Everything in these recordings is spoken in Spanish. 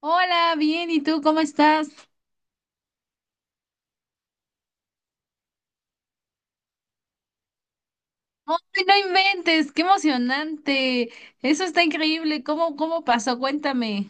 Hola, bien, ¿y tú cómo estás? ¡Ay, no inventes! ¡Qué emocionante! Eso está increíble. ¿¿Cómo pasó? Cuéntame.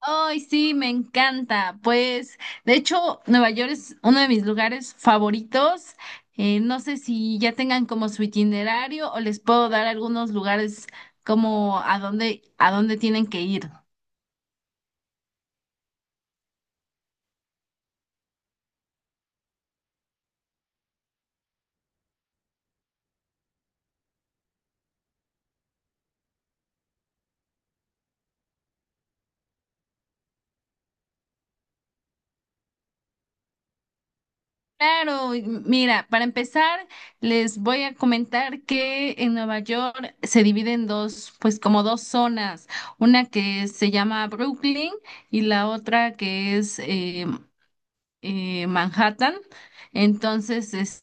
¡Ay, sí, me encanta! Pues, de hecho, Nueva York es uno de mis lugares favoritos. No sé si ya tengan como su itinerario o les puedo dar algunos lugares como a dónde tienen que ir. Claro, y mira, para empezar, les voy a comentar que en Nueva York se divide en dos, pues como dos zonas, una que se llama Brooklyn y la otra que es Manhattan. Entonces,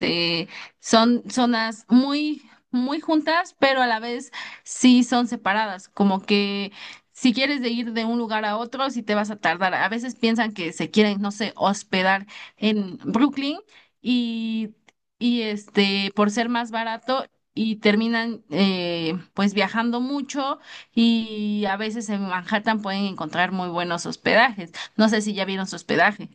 eh, son zonas muy juntas, pero a la vez sí son separadas, como que si quieres de ir de un lugar a otro, sí te vas a tardar. A veces piensan que se quieren, no sé, hospedar en Brooklyn y, y este, por ser más barato. Y terminan pues viajando mucho y a veces en Manhattan pueden encontrar muy buenos hospedajes. No sé si ya vieron su hospedaje.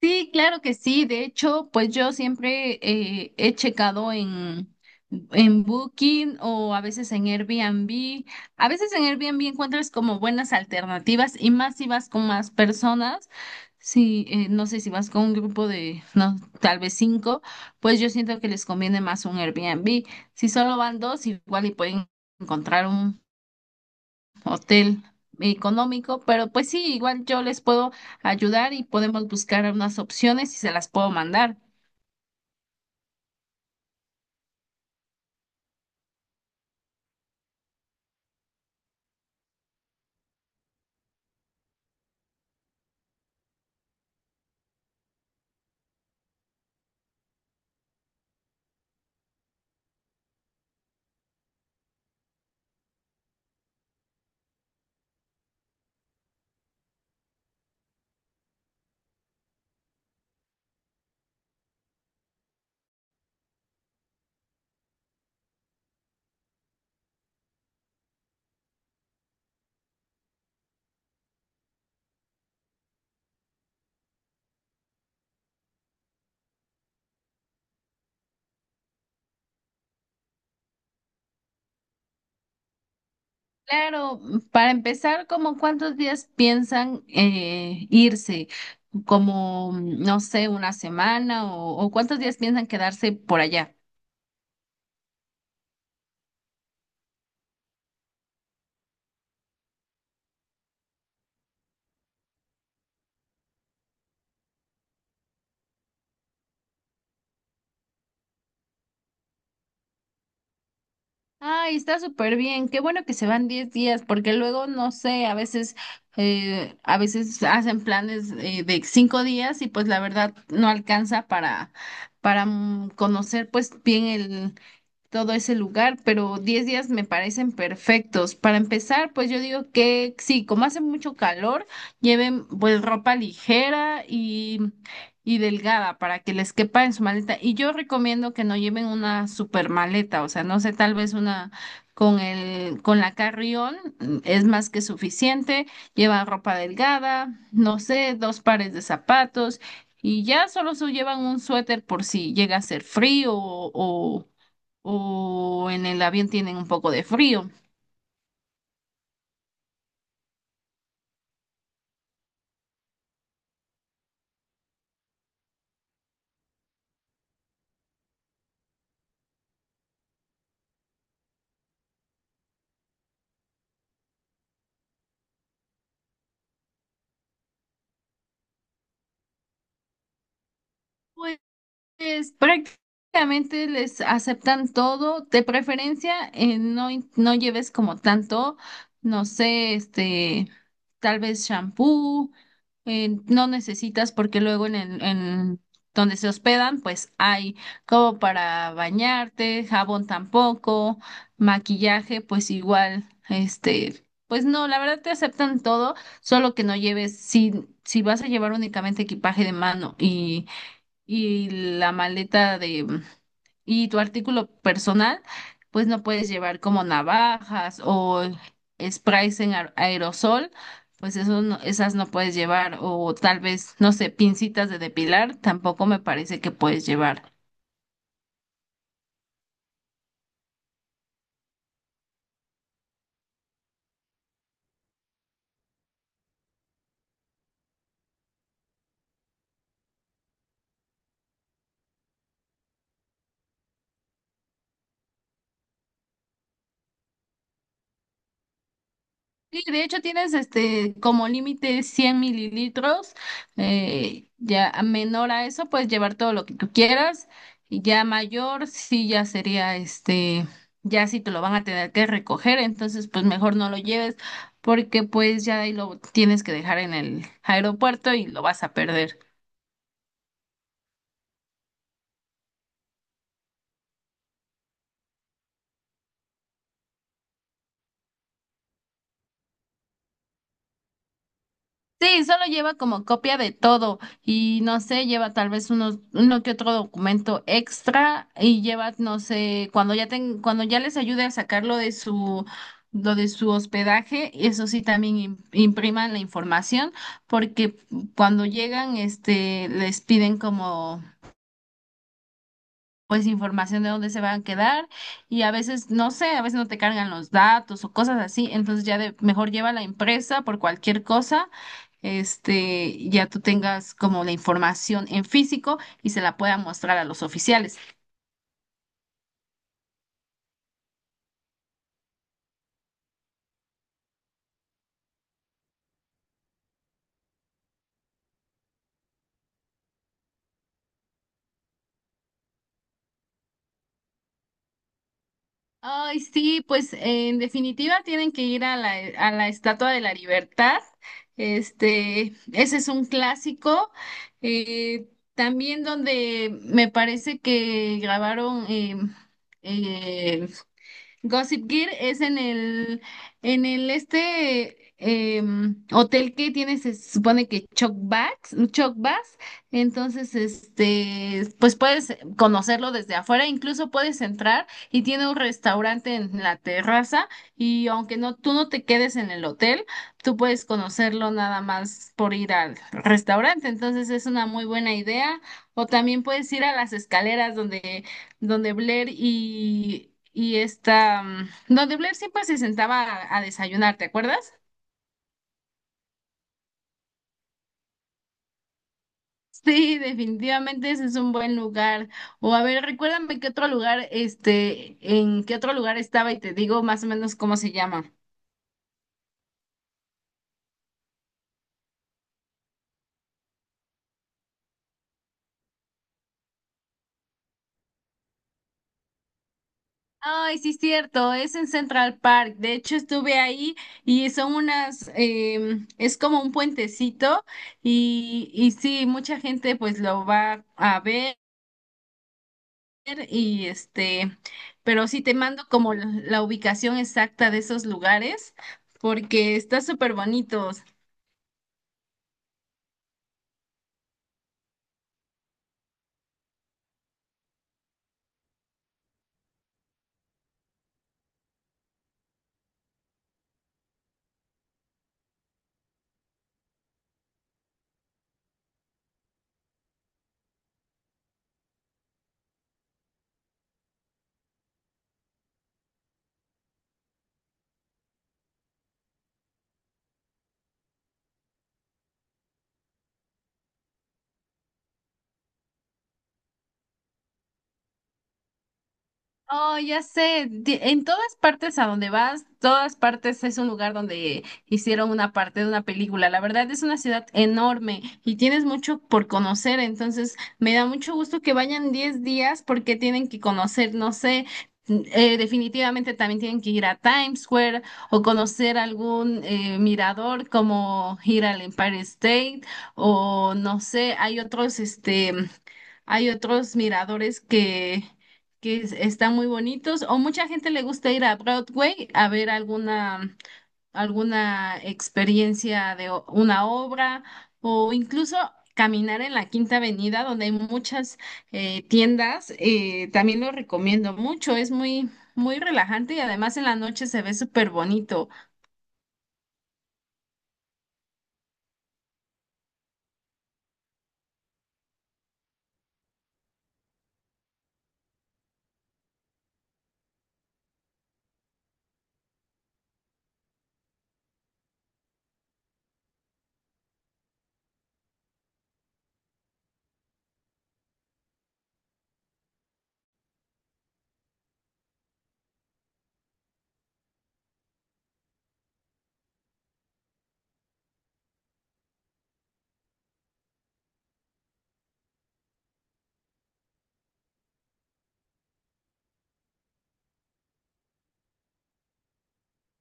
Sí, claro que sí. De hecho, pues yo siempre he checado en Booking o a veces en Airbnb. A veces en Airbnb encuentras como buenas alternativas y más si vas con más personas. Sí, no sé si vas con un grupo de, no, tal vez cinco, pues yo siento que les conviene más un Airbnb. Si solo van dos, igual y pueden encontrar un hotel económico, pero pues sí, igual yo les puedo ayudar y podemos buscar unas opciones y se las puedo mandar. Claro, para empezar, ¿como cuántos días piensan irse? Como, no sé, una semana o, ¿o cuántos días piensan quedarse por allá? Ay, está súper bien. Qué bueno que se van 10 días, porque luego, no sé, a veces hacen planes de 5 días y pues la verdad no alcanza para mm, conocer pues bien todo ese lugar, pero 10 días me parecen perfectos. Para empezar, pues yo digo que sí, como hace mucho calor, lleven pues ropa ligera y delgada para que les quepa en su maleta. Y yo recomiendo que no lleven una super maleta, o sea, no sé, tal vez una con el, con la carrión mm, es más que suficiente. Llevan ropa delgada, no sé, dos pares de zapatos. Y ya solo se llevan un suéter por si llega a ser frío o en el avión tienen un poco de frío. Pues Pues prácticamente les aceptan todo, de preferencia no, no lleves como tanto, no sé, este, tal vez shampoo, no necesitas porque luego en el, en donde se hospedan, pues hay como para bañarte, jabón tampoco, maquillaje, pues igual, este, pues no, la verdad te aceptan todo, solo que no lleves, si, si vas a llevar únicamente equipaje de mano y la maleta de mm, y tu artículo personal, pues no puedes llevar como navajas o sprays en aerosol, pues eso no- esas no puedes llevar o tal vez, no sé, pincitas de depilar, tampoco me parece que puedes llevar. Sí, de hecho tienes este como límite 100 mililitros, ya a menor a eso puedes llevar todo lo que tú quieras y ya mayor sí ya sería este, ya sí te lo van a tener que recoger, entonces pues mejor no lo lleves porque pues ya ahí lo tienes que dejar en el aeropuerto y lo vas a perder. Sí, solo lleva como copia de todo y no sé, lleva tal vez unos, uno que otro documento extra y lleva, no sé, cuando ya ten, cuando ya les ayude a sacarlo de su, lo de su hospedaje, eso sí también impriman la información porque cuando llegan, este, les piden como pues información de dónde se van a quedar y a veces no sé, a veces no te cargan los datos o cosas así, entonces ya de, mejor lleva la impresa por cualquier cosa, este, ya tú tengas como la información en físico y se la pueda mostrar a los oficiales. Ay, sí, pues en definitiva tienen que ir a la Estatua de la Libertad. Este, ese es un clásico. eh, También donde me parece que grabaron eh, Gossip Gear es en el este hotel que tiene, se supone que Chuck Bass, entonces este, pues puedes conocerlo desde afuera, incluso puedes entrar y tiene un restaurante en la terraza y aunque no, tú no te quedes en el hotel, tú puedes conocerlo nada más por ir al restaurante, entonces es una muy buena idea. O también puedes ir a las escaleras donde Blair y esta, mm, donde Blair siempre se sentaba a desayunar, ¿te acuerdas? Sí, definitivamente ese es un buen lugar. O a ver, recuérdame qué otro lugar, este, en qué otro lugar estaba y te digo más o menos cómo se llama. Ay, sí, cierto, es en Central Park. De hecho, estuve ahí y son unas, em, es como un puentecito y sí, mucha gente pues lo va a ver. y este, pero sí te mando como la ubicación exacta de esos lugares porque está súper bonito. Oh, ya sé, en todas partes a donde vas, todas partes es un lugar donde hicieron una parte de una película. La verdad es una ciudad enorme y tienes mucho por conocer, entonces me da mucho gusto que vayan 10 días porque tienen que conocer, no sé, definitivamente también tienen que ir a Times Square o conocer algún mirador como ir al Empire State o no sé, hay otros, este... Hay otros miradores que están muy bonitos, o mucha gente le gusta ir a Broadway a ver alguna, alguna experiencia de una obra, o incluso caminar en la Quinta Avenida, donde hay muchas tiendas. También lo recomiendo mucho, es muy, muy relajante y además en la noche se ve súper bonito.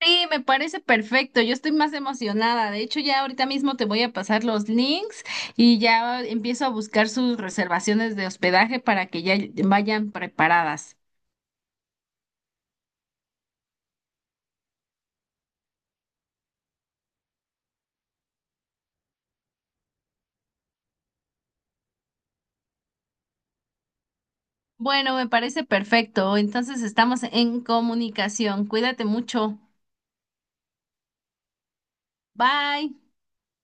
Sí, me parece perfecto. Yo estoy más emocionada. De hecho, ya ahorita mismo te voy a pasar los links y ya empiezo a buscar sus reservaciones de hospedaje para que ya vayan preparadas. Bueno, me parece perfecto. Entonces estamos en comunicación. Cuídate mucho. Bye.